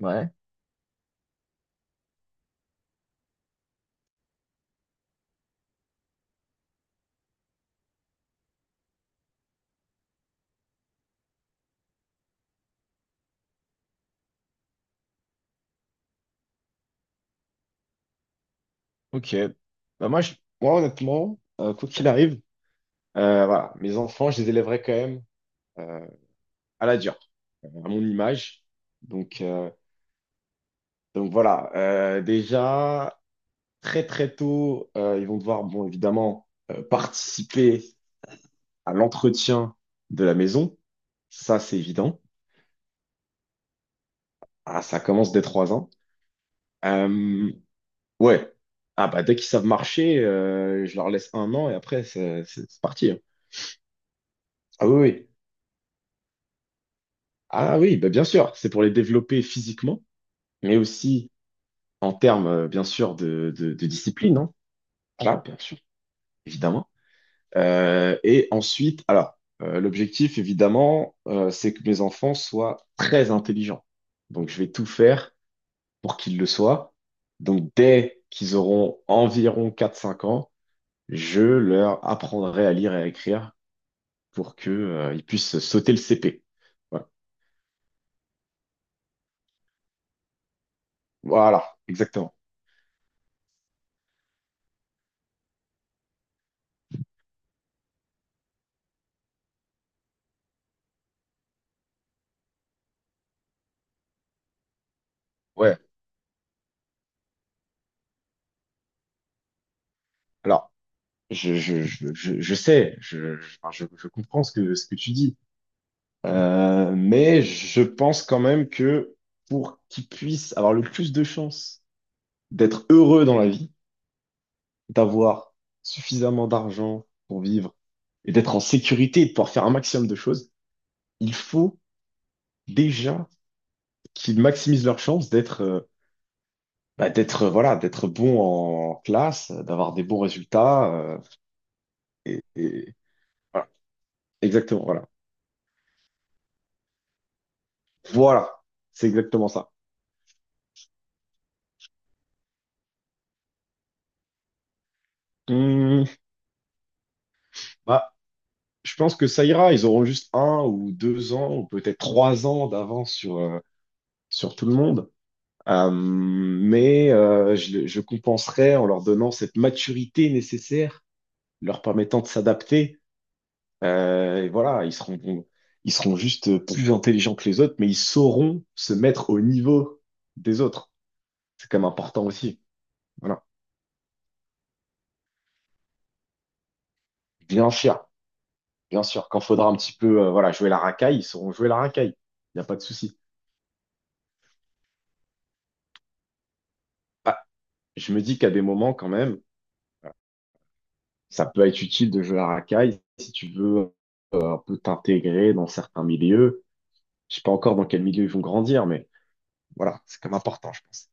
Ouais, ok. Bah moi, moi honnêtement, quoi qu'il arrive, voilà, mes enfants, je les élèverai quand même euh, à la dure, à mon image. Donc, euh, donc, voilà, déjà, très très tôt, ils vont devoir, bon, évidemment, participer à l'entretien de la maison. Ça, c'est évident. Ah, ça commence dès 3 ans. Euh, ouais. Ah bah dès qu'ils savent marcher, je leur laisse un an et après, c'est parti. Hein. Ah oui, oui. Ah oui, bah bien sûr, c'est pour les développer physiquement, mais aussi en termes, bien sûr, de discipline, hein. Là, bien sûr, évidemment. Et ensuite, alors, l'objectif, évidemment, c'est que mes enfants soient très intelligents. Donc, je vais tout faire pour qu'ils le soient. Donc, dès qu'ils auront environ 4 5 ans, je leur apprendrai à lire et à écrire pour que, ils puissent sauter le CP. Voilà, voilà, exactement. Ouais. Alors. Je sais, enfin, je comprends ce que tu dis. Mais je pense quand même que pour qu'ils puissent avoir le plus de chances d'être heureux dans la vie, d'avoir suffisamment d'argent pour vivre et d'être en sécurité et de pouvoir faire un maximum de choses, il faut déjà qu'ils maximisent leurs chances d'être bons en classe, d'avoir des bons résultats, et, et- voilà, exactement, voilà. Voilà, c'est exactement ça. Hmm, bah, je pense que ça ira. Ils auront juste 1 ou 2 ans, ou peut-être 3 ans d'avance sur tout le monde. Mais je compenserai en leur donnant cette maturité nécessaire, leur permettant de s'adapter. Et voilà, ils seront juste plus intelligents que les autres, mais ils sauront se mettre au niveau des autres. C'est quand même important aussi. Voilà. Bien sûr, bien sûr. Quand faudra un petit peu, voilà, jouer la racaille, ils sauront jouer la racaille. Il n'y a pas de souci. Je me dis qu'à des moments, quand même, ça peut être utile de jouer à racaille si tu veux un peu t'intégrer dans certains milieux. Je sais pas encore dans quel milieu ils vont grandir, mais voilà, c'est comme important, je pense.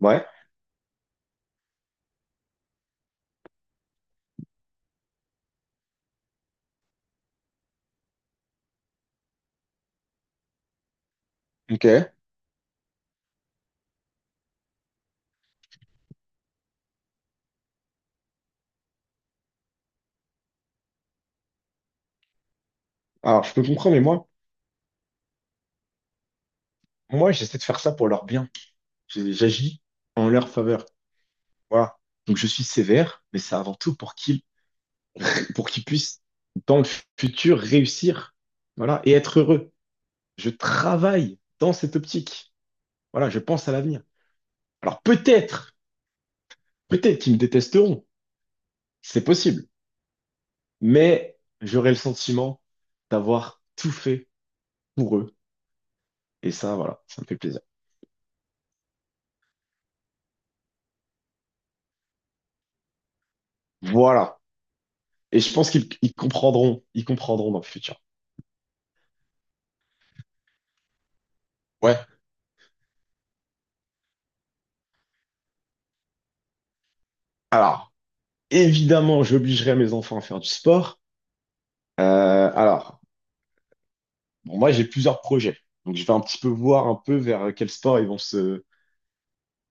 Ouais, ok. Alors, je peux comprendre, mais moi, moi, j'essaie de faire ça pour leur bien. J'agis en leur faveur. Voilà. Donc, je suis sévère, mais c'est avant tout pour qu'ils puissent, dans le futur, réussir. Voilà. Et être heureux. Je travaille dans cette optique. Voilà. Je pense à l'avenir. Alors, peut-être qu'ils me détesteront, c'est possible, mais j'aurai le sentiment d'avoir tout fait pour eux. Et ça, voilà, ça me fait plaisir. Voilà. Et je pense qu'ils ils comprendront, ils comprendront, dans le futur. Ouais. Alors, évidemment, j'obligerai mes enfants à faire du sport. Alors, bon, moi, j'ai plusieurs projets. Donc, je vais un petit peu voir un peu vers quel sport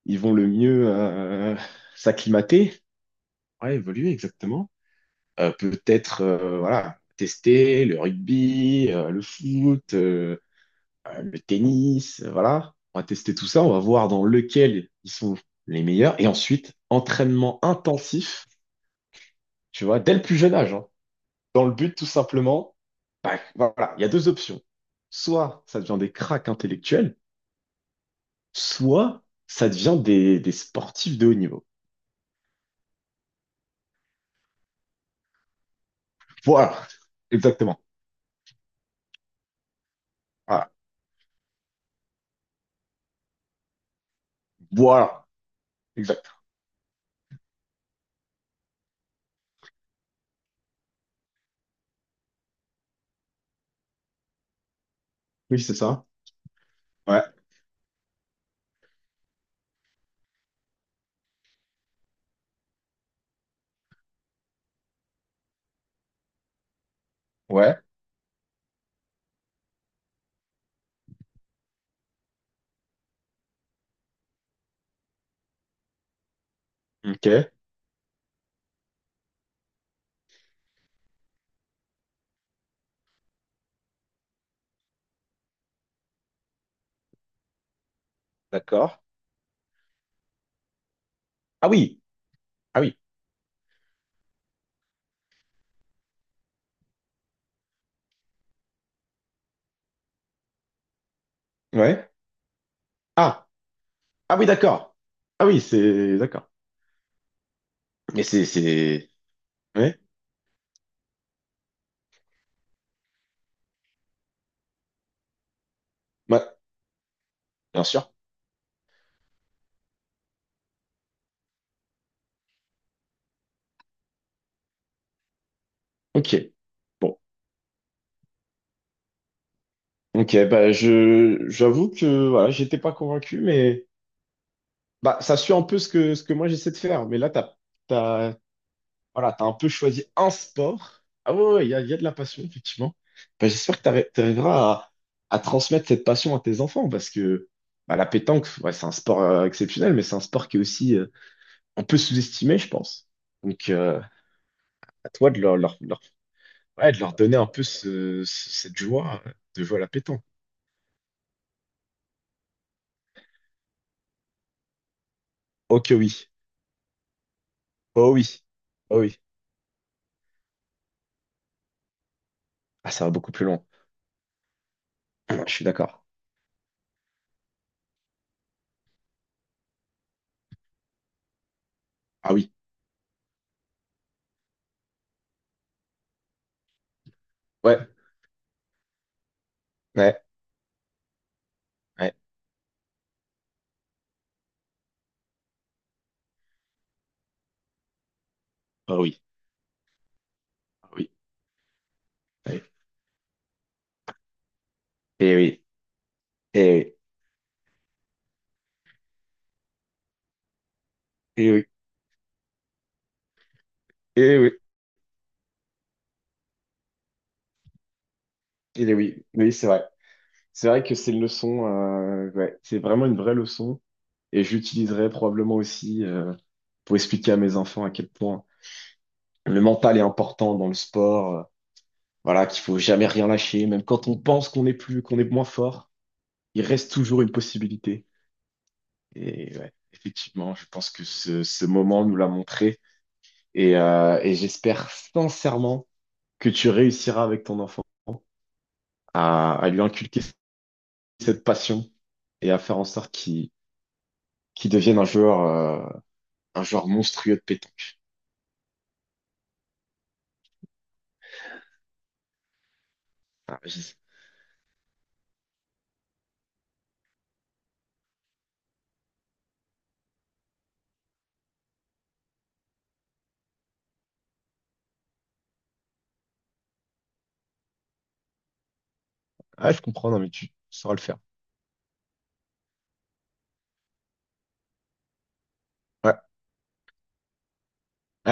ils vont le mieux s'acclimater. Ouais, évoluer, exactement. Peut-être voilà, tester le rugby, le foot, le tennis, voilà. On va tester tout ça, on va voir dans lequel ils sont les meilleurs. Et ensuite, entraînement intensif, tu vois, dès le plus jeune âge, hein. Dans le but tout simplement, bah, voilà, il y a deux options. Soit ça devient des cracks intellectuels, soit ça devient des sportifs de haut niveau. Voilà, exactement. Voilà, voilà, exact. Oui, c'est ça. Ouais, ouais, ok, d'accord. Ah oui, ah oui, ouais. Ah, ah oui, d'accord. Ah oui, c'est d'accord. Mais ouais, ouais, bien sûr. Ok, bon, ok, bah je j'avoue que voilà, j'étais pas convaincu, mais bah ça suit un peu ce que moi j'essaie de faire. Mais là, t'as voilà, t'as un peu choisi un sport. Ah ouais, ouais, il y a de la passion, effectivement. Bah, j'espère que t'arriveras à transmettre cette passion à tes enfants, parce que bah, la pétanque, ouais, c'est un sport exceptionnel, mais c'est un sport qui est aussi un peu sous-estimés, je pense. Donc, à toi de ouais, de leur donner un peu cette joie de jouer à la pétanque. Oh que oui. Oh oui. Oh oui. Ah, ça va beaucoup plus loin. Je suis d'accord. Ah oui. Ouais. Ouais. Ouais. Oh oui. Ah oui. Ouais. Eh oui. Eh oui. Eh oui. Eh oui. Eh oui. Oui, c'est vrai. C'est vrai que c'est une leçon. Ouais. C'est vraiment une vraie leçon. Et je probablement aussi pour expliquer à mes enfants à quel point le mental est important dans le sport. Voilà, qu'il faut jamais rien lâcher, même quand on pense qu'on est plus, qu'on est moins fort, il reste toujours une possibilité. Et ouais, effectivement, je pense que ce moment nous l'a montré. Et j'espère sincèrement que tu réussiras avec ton enfant à lui inculquer cette passion et à faire en sorte qu'il devienne un joueur monstrueux de pétanque. Ah, je, ah, je comprends, non, mais tu sauras le faire. Ouais.